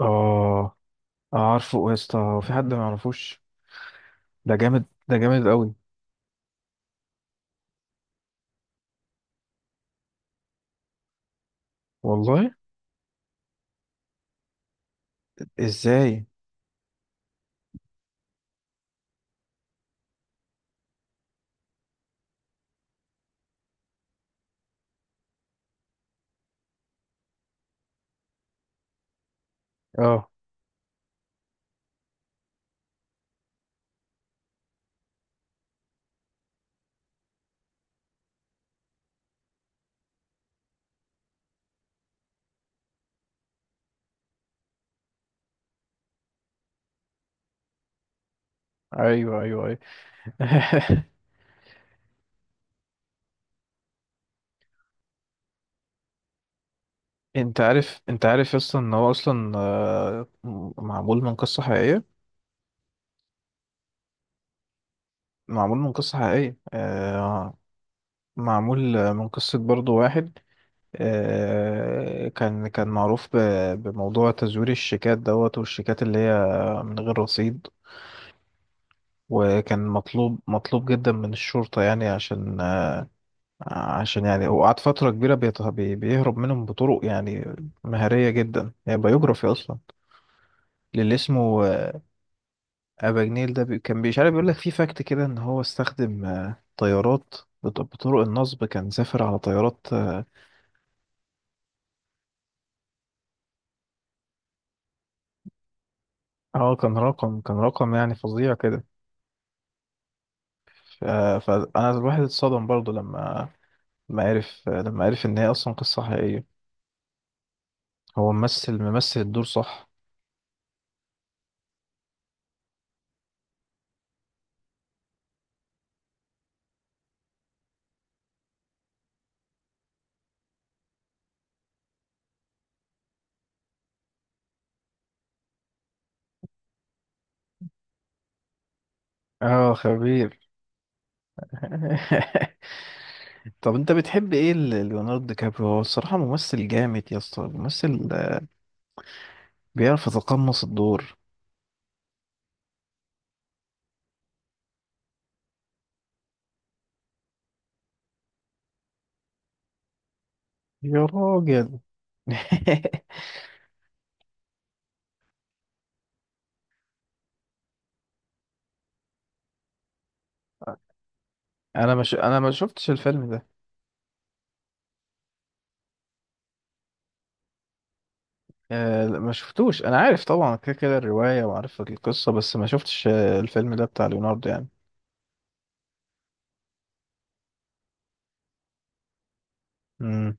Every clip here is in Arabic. اه. عارفه يا اسطى، هو في حد ما يعرفوش؟ ده جامد، ده جامد قوي. والله. ازاي. اه. ايوه، ايوه، ايوه. انت عارف يا اسطى ان هو اصلا معمول من قصة حقيقية. معمول من قصة حقيقية. معمول من قصة، برضو واحد، كان معروف بموضوع تزوير الشيكات دوت، والشيكات اللي هي من غير رصيد. وكان مطلوب جدا من الشرطة، يعني عشان يعني هو قعد فترة كبيرة بيهرب منهم بطرق يعني مهارية جدا، يعني بايوجرافي أصلا للي اسمه أباجنيل ده. كان مش عارف، بيقول لك في فاكت كده إن هو استخدم طيارات، بطرق النصب كان سافر على طيارات، اه. كان رقم يعني فظيع كده. فأنا الواحد اتصدم برضه لما عرف، لما عرف إن هي أصلا قصة حقيقية. هو ممثل، الدور صح. اه، خبير. طب انت بتحب ايه ليوناردو دي كابريو؟ هو الصراحة ممثل جامد يا اسطى، ممثل بيعرف يتقمص الدور. يا راجل. انا ما شفتش الفيلم ده. لا، ما شفتوش. انا عارف طبعا كده كده الرواية، وعارف القصة، بس ما شفتش الفيلم ده بتاع ليوناردو يعني. امم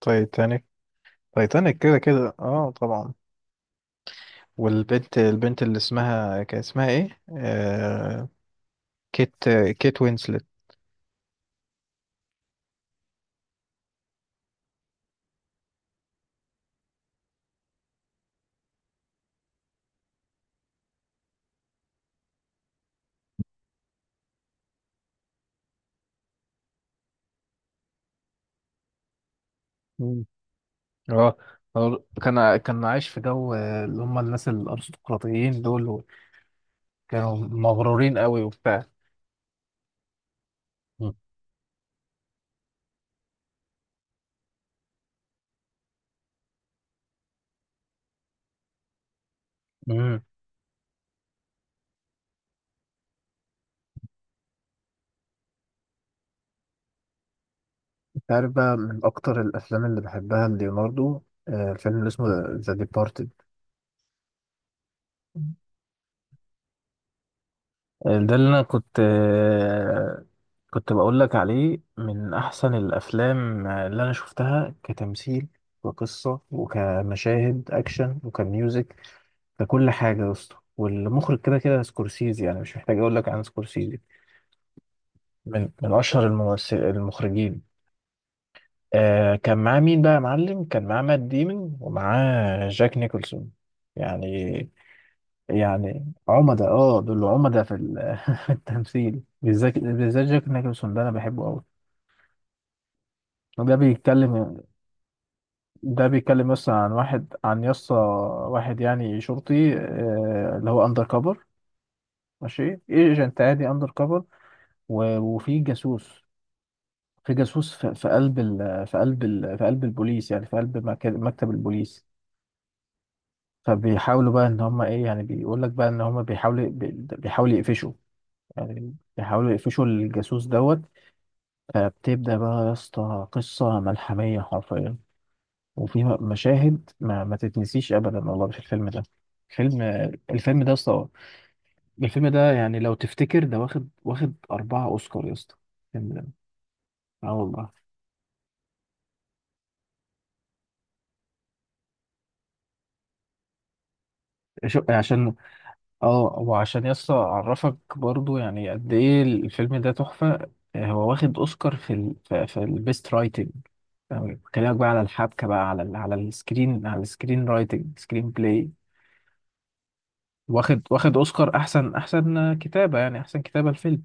تايتانيك. تايتانيك كده كده، اه طبعا. والبنت، البنت اللي اسمها، كان اسمها ايه كيت، كيت وينسلت. اه، هو كان عايش في جو اللي هم الناس الارستقراطيين دول، كانوا مغرورين قوي وبتاع. مم. امم انت عارف بقى من اكتر الافلام اللي بحبها ليوناردو، الفيلم اللي اسمه ذا ديبارتد. ده اللي انا كنت بقول لك عليه، من احسن الافلام اللي انا شفتها كتمثيل وقصة وكمشاهد اكشن وكميوزك، ككل حاجة يا اسطى. والمخرج كده كده سكورسيزي، يعني مش محتاج اقول لك عن سكورسيزي. من اشهر الممثل المخرجين. كان معاه مين بقى يا معلم؟ كان معاه مات ديمون ومعاه جاك نيكولسون يعني. عمدة، اه، دول عمدة في التمثيل، بالذات، بالذات جاك نيكلسون ده انا بحبه قوي. ده بيتكلم ده بيتكلم يسطا عن يسطا واحد، يعني شرطي اللي هو اندر كفر، ماشي، ايجنت عادي اندر كفر. وفي جاسوس، في قلب البوليس، يعني في قلب مكتب البوليس. فبيحاولوا بقى ان هم ايه، يعني بيقول لك بقى ان هم بيحاولوا يقفشوا، يعني بيحاولوا يقفشوا الجاسوس دوت. فبتبدأ بقى يا اسطى قصة ملحمية حرفيا، وفي مشاهد ما تتنسيش أبدا والله في الفيلم ده. فيلم الفيلم ده يا اسطى، الفيلم ده يعني لو تفتكر، ده واخد أربعة أوسكار يا اسطى الفيلم ده. اه والله. شو عشان. اه، وعشان يا اسطى أعرفك برضو يعني قد إيه الفيلم ده تحفة. هو واخد أوسكار في البيست رايتنج، بكلمك بقى على الحبكة، بقى على السكرين رايتنج، سكرين بلاي. واخد اوسكار احسن، كتابه، يعني احسن كتابه الفيلم.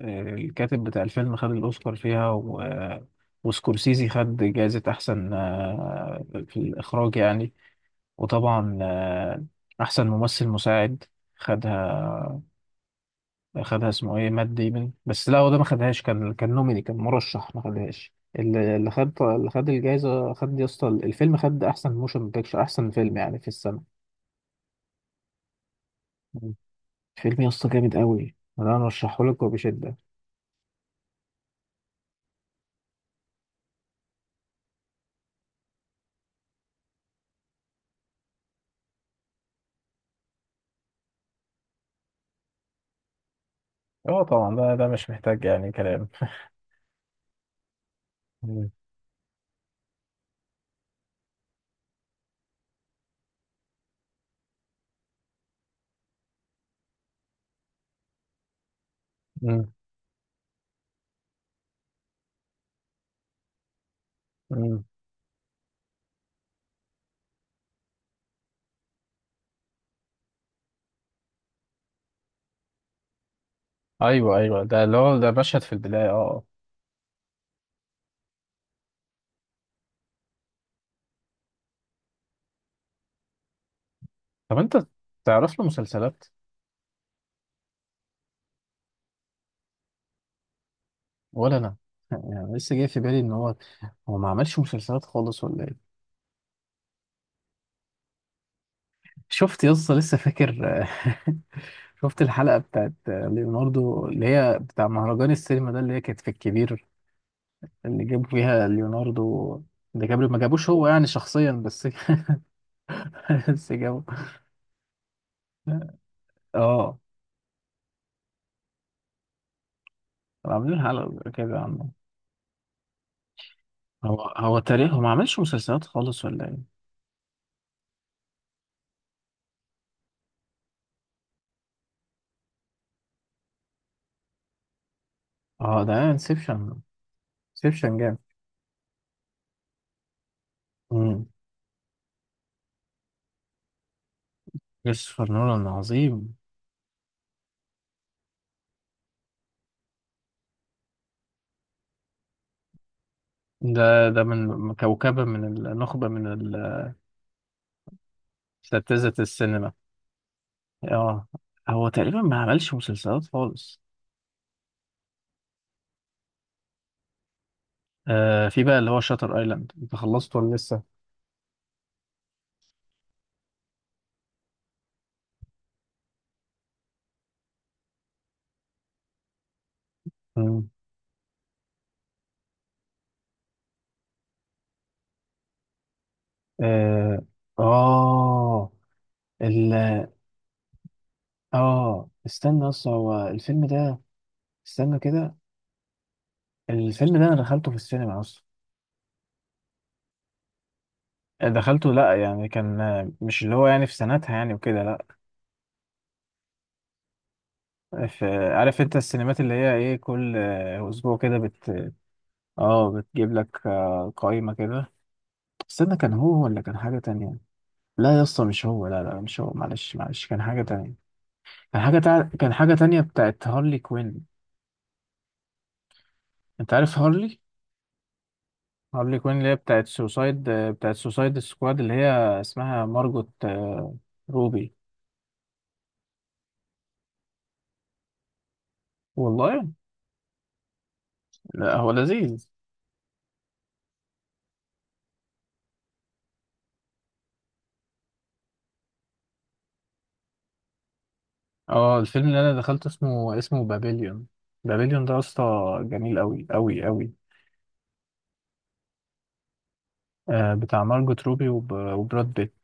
الكاتب بتاع الفيلم خد الاوسكار فيها، و... آه، وسكورسيزي خد جائزه احسن في الاخراج يعني. وطبعا احسن ممثل مساعد، خدها، اسمه ايه، مات ديمن، بس لا هو ده ما خدهاش، كان نوميني، كان مرشح، ما خدهاش. اللي خد الجائزه. خد يا اسطى الفيلم خد احسن موشن بيكتشر، احسن فيلم يعني في السنه. مم. فيلم يا اسطى جامد قوي، انا ارشحه لك وبشده. اه طبعا، ده ده مش محتاج يعني كلام. مم. مم. مم. ايوه، ايوه، ده اللي هو ده مشهد في البدايه، اه. طب انت تعرف له مسلسلات؟ ولا انا، يعني لسه جاي في بالي ان هو، هو ما عملش مسلسلات خالص ولا ايه؟ شفت يا اسطى لسه فاكر. شفت الحلقه بتاعت ليوناردو اللي هي بتاع مهرجان السينما ده، اللي هي كانت في الكبير، اللي جابوا فيها ليوناردو ده جابري، ما جابوش هو يعني شخصيا بس. بس جابوا، اه، كانوا عاملين حلقه كده. هو تاريخ، هو ما عملش مسلسلات خالص ولا ايه؟ اه ده انسبشن. انسبشن جامد. امم كريستوفر نولان عظيم. ده، ده من كوكبة، من النخبة، اساتذة السينما. اه، هو تقريبا ما عملش مسلسلات خالص. في بقى اللي هو شاتر ايلاند، انت خلصت ولا لسه؟ امم اه اه ال اه استنى، اصلا هو الفيلم ده، استنى كده، الفيلم ده انا دخلته في السينما اصلا. دخلته، لا يعني كان مش اللي هو يعني في سنتها يعني وكده، لا. في، عارف انت السينمات اللي هي ايه، كل اسبوع كده بت، اه بتجيب لك قائمة كده. استنى، كان هو ولا كان حاجة تانية؟ لا يا اسطى مش هو، لا، لا، مش هو، معلش، معلش كان حاجة تانية. كان حاجة تانية بتاعت هارلي كوين. انت عارف هارلي، هارلي كوين اللي هي بتاعت سوسايد، بتاعت سوسايد سكواد، اللي هي اسمها مارجوت روبي. والله. لا هو لذيذ. اه، الفيلم اللي انا دخلته اسمه، بابليون. بابليون ده يا اسطى جميل قوي قوي قوي. بتاع مارجوت روبي وبراد بيت.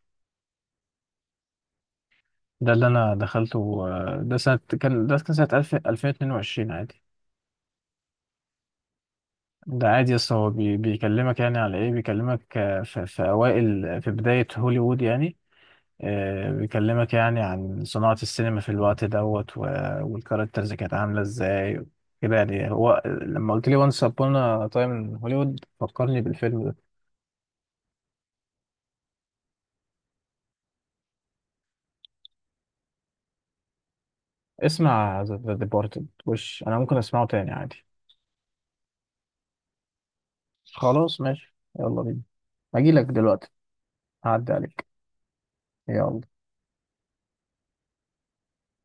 ده اللي انا دخلته. ده سنة كان سنة 1000 2022 عادي. ده عادي يا اسطى، هو بيكلمك يعني على ايه، بيكلمك في اوائل، في بداية هوليوود يعني. بيكلمك يعني عن صناعة السينما في الوقت دوت، والكاركترز كانت عاملة ازاي. كده يعني، هو لما قلت لي وانس ابون تايم هوليوود فكرني بالفيلم ده. اسمع ذا ديبارتد، وش انا ممكن اسمعه تاني عادي. خلاص ماشي، يلا بينا. هجيلك دلوقتي، هعدي عليك. يلا.